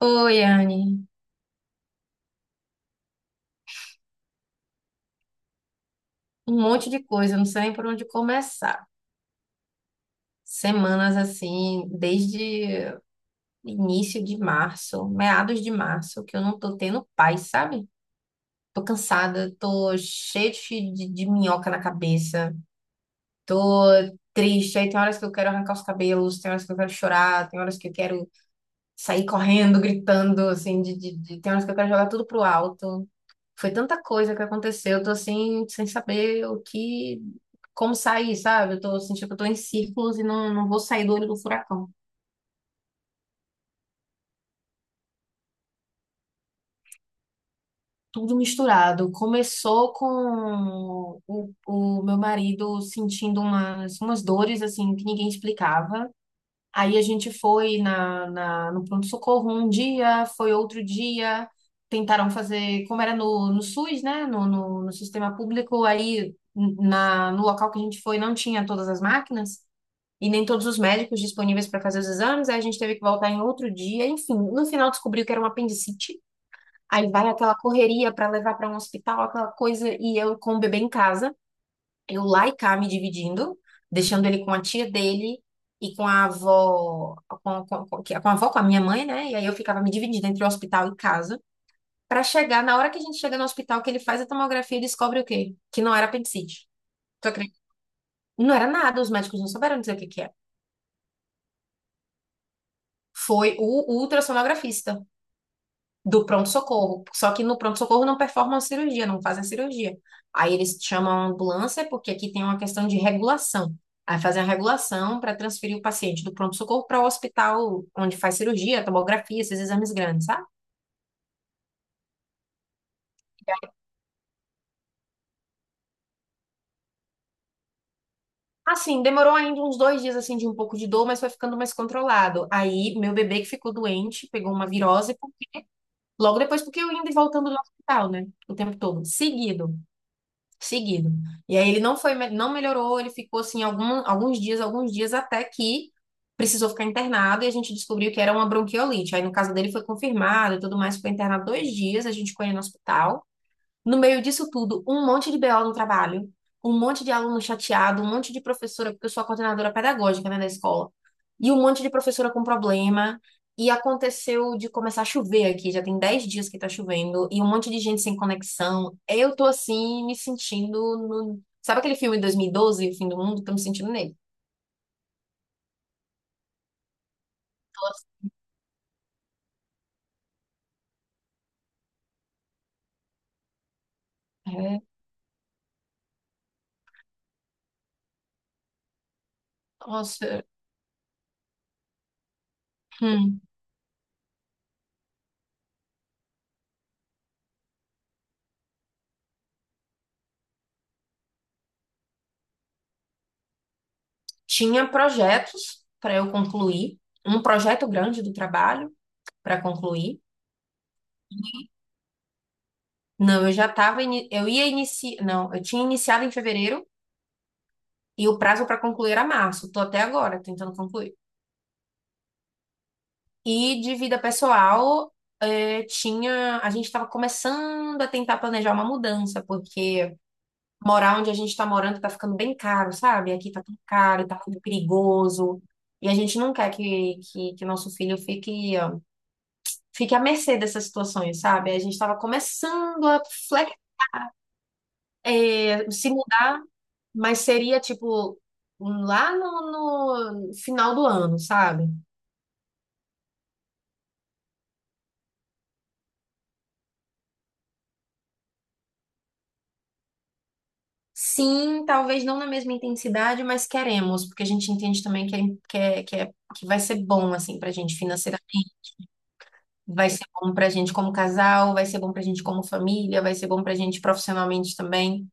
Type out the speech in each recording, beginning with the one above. Oi, Anne. Um monte de coisa, não sei nem por onde começar. Semanas assim, desde início de março, meados de março, que eu não tô tendo paz, sabe? Tô cansada, tô cheia de minhoca na cabeça, tô triste. Aí tem horas que eu quero arrancar os cabelos, tem horas que eu quero chorar, tem horas que eu quero sair correndo, gritando, assim, tem horas que eu quero jogar tudo pro alto. Foi tanta coisa que aconteceu, eu tô assim, sem saber o que, como sair, sabe? Eu tô sentindo que eu tô em círculos e não vou sair do olho do furacão. Tudo misturado. Começou com o meu marido sentindo umas dores, assim, que ninguém explicava. Aí a gente foi no pronto-socorro um dia, foi outro dia. Tentaram fazer, como era no SUS, né? No sistema público, aí no local que a gente foi não tinha todas as máquinas, e nem todos os médicos disponíveis para fazer os exames. Aí a gente teve que voltar em outro dia, enfim, no final descobriu que era uma apendicite. Aí vai aquela correria para levar para um hospital, aquela coisa, e eu com o bebê em casa, eu lá e cá me dividindo, deixando ele com a tia dele e com a avó, com a avó, com a minha mãe, né? E aí eu ficava me dividindo entre o hospital e casa, para chegar, na hora que a gente chega no hospital, que ele faz a tomografia e descobre o quê? Que não era apendicite. Tu acredita? Não era nada, os médicos não souberam dizer o que que é. Foi o ultrassonografista do pronto-socorro. Só que no pronto-socorro não performam a cirurgia, não fazem a cirurgia. Aí eles chamam a ambulância, porque aqui tem uma questão de regulação. Aí fazem a regulação para transferir o paciente do pronto-socorro para o hospital onde faz cirurgia, tomografia, esses exames grandes, sabe? Assim, demorou ainda uns 2 dias assim de um pouco de dor, mas foi ficando mais controlado. Aí meu bebê que ficou doente, pegou uma virose, logo depois, porque eu indo e voltando do hospital, né? O tempo todo, seguido. Seguido. E aí ele não foi, não melhorou, ele ficou assim alguns dias até que precisou ficar internado, e a gente descobriu que era uma bronquiolite. Aí no caso dele foi confirmado e tudo mais, ficou internado 2 dias, a gente foi no hospital. No meio disso tudo, um monte de BO no trabalho, um monte de aluno chateado, um monte de professora, porque eu sou a coordenadora pedagógica, né, da escola, e um monte de professora com problema. E aconteceu de começar a chover aqui, já tem 10 dias que tá chovendo, e um monte de gente sem conexão. Eu tô assim, me sentindo no... sabe aquele filme de 2012, O Fim do Mundo? Tô me sentindo nele. É, nossa. Hum. Tinha projetos para eu concluir, um projeto grande do trabalho para concluir. Não, eu ia iniciar, não, eu tinha iniciado em fevereiro e o prazo para concluir era março. Tô até agora tentando concluir. E de vida pessoal, tinha, a gente estava começando a tentar planejar uma mudança, porque morar onde a gente está morando tá ficando bem caro, sabe? Aqui tá tão caro, tá tudo perigoso. E a gente não quer que nosso filho fique, ó, fique à mercê dessas situações, sabe? A gente estava começando a fle- eh, se mas seria tipo um lá no final do ano, sabe? Sim, talvez não na mesma intensidade, mas queremos, porque a gente entende também que vai ser bom assim pra gente financeiramente, vai ser bom pra gente como casal, vai ser bom pra gente como família, vai ser bom pra gente profissionalmente também.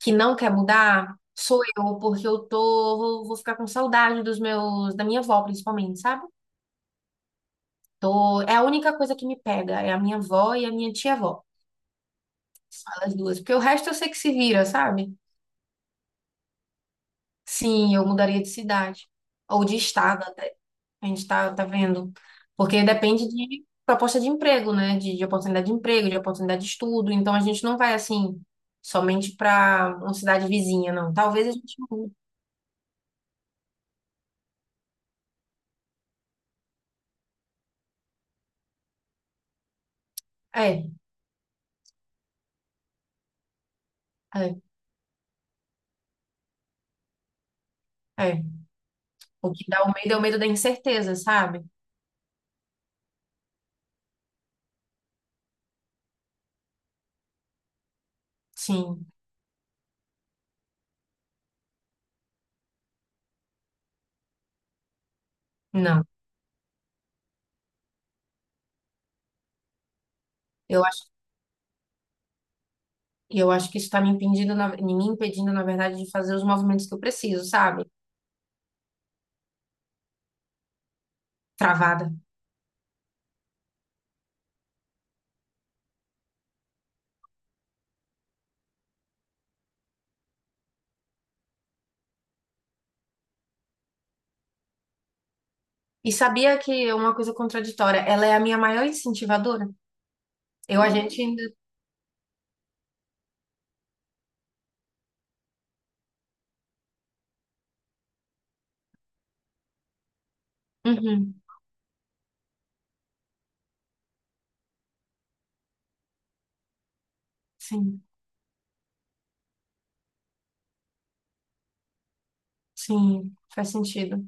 Que não quer mudar sou eu, porque eu vou ficar com saudade dos meus, da minha avó principalmente, sabe? Tô, é a única coisa que me pega, é a minha avó e a minha tia-avó. As duas. Porque o resto eu sei que se vira, sabe? Sim, eu mudaria de cidade. Ou de estado até. A gente tá vendo. Porque depende de proposta de emprego, né? De oportunidade de emprego, de oportunidade de estudo. Então a gente não vai assim, somente para uma cidade vizinha, não. Talvez a gente mude. É, é, é. O que dá o medo é o medo da incerteza, sabe? Sim, não. Eu acho, eu acho que isso tá me impedindo, na verdade, de fazer os movimentos que eu preciso, sabe? Travada. E sabia que é uma coisa contraditória, ela é a minha maior incentivadora. A gente ainda. Uhum, sim, sim, faz sentido.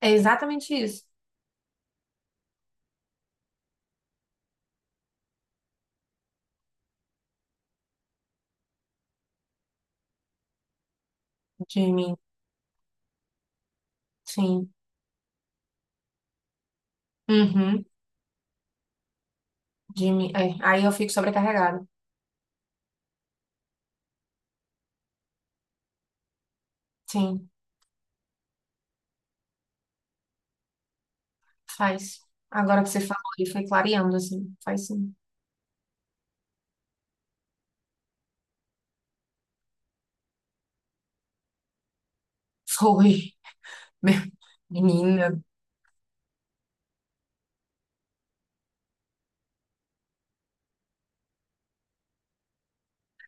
É exatamente isso, Jimmy. Sim. Uhum, Jimmy. É, aí eu fico sobrecarregada. Sim, faz. Agora que você falou, e foi clareando, assim, faz sim. Foi. Meu- Menina,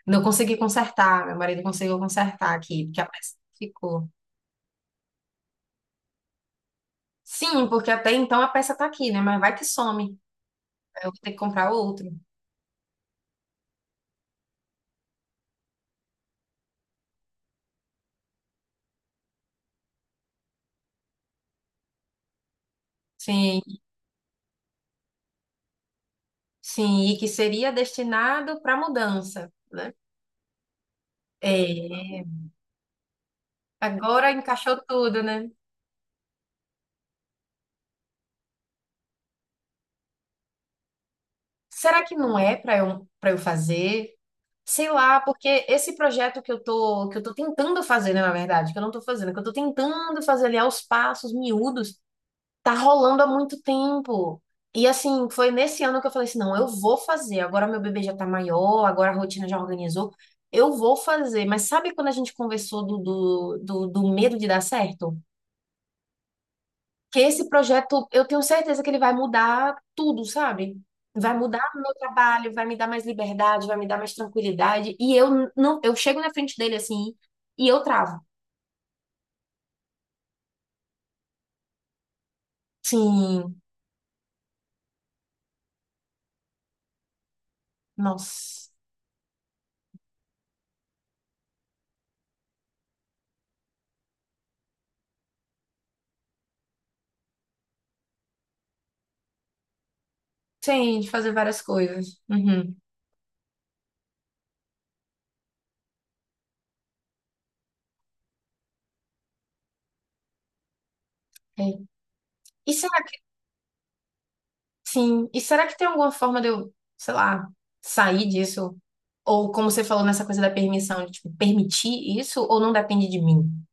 não consegui consertar. Meu marido conseguiu consertar aqui, porque a peça ficou. Sim, porque até então a peça tá aqui, né? Mas vai que some. Aí eu vou ter que comprar outra. Sim. Sim, e que seria destinado para mudança, né? É, agora encaixou tudo, né? Será que não é para eu fazer? Sei lá, porque esse projeto que eu tô tentando fazer, né, na verdade, que eu não tô fazendo, que eu tô tentando fazer ali aos passos miúdos, tá rolando há muito tempo. E assim, foi nesse ano que eu falei assim, não, eu vou fazer. Agora meu bebê já tá maior, agora a rotina já organizou. Eu vou fazer, mas sabe quando a gente conversou do medo de dar certo? Que esse projeto, eu tenho certeza que ele vai mudar tudo, sabe? Vai mudar o meu trabalho, vai me dar mais liberdade, vai me dar mais tranquilidade. E eu não, eu chego na frente dele assim e eu travo. Sim, nossa. Sim, de fazer várias coisas. Uhum. É. E será que, sim, e será que tem alguma forma de eu, sei lá, sair disso? Ou como você falou nessa coisa da permissão, de, tipo, permitir isso ou não depende de mim?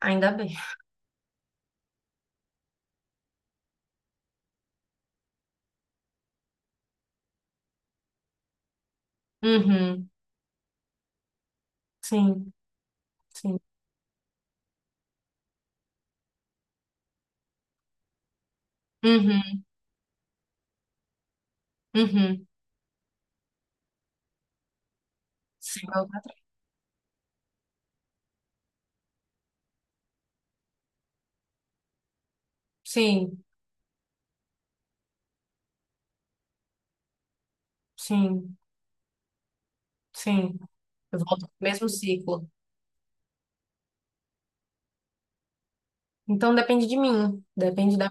Ainda bem. Uhum. Sim, sim. Uhum, uhum. Sim, sim, sim. Sim. Eu volto pro mesmo ciclo. Então depende de mim, depende da,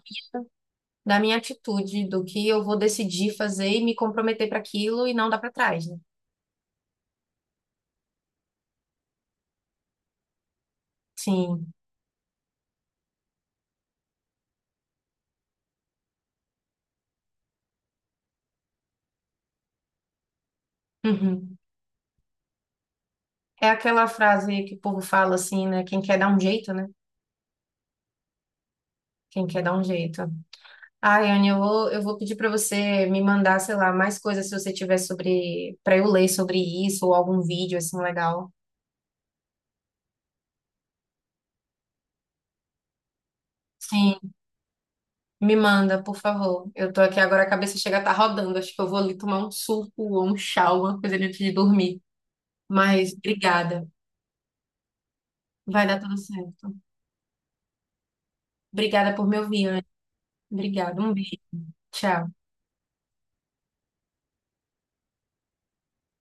da minha atitude, do que eu vou decidir fazer e me comprometer para aquilo e não dar para trás, né? Sim. Uhum. É aquela frase que o povo fala assim, né? Quem quer dar um jeito, né? Quem quer dar um jeito. Ai, Anne, eu vou pedir para você me mandar, sei lá, mais coisas se você tiver sobre, para eu ler sobre isso ou algum vídeo assim legal. Sim. Me manda, por favor. Eu tô aqui agora, a cabeça chega a estar rodando. Acho que eu vou ali tomar um suco ou um chá, uma coisa ali antes de dormir. Mas obrigada. Vai dar tudo certo. Obrigada por me ouvir, Anne. Obrigada. Um beijo. Tchau.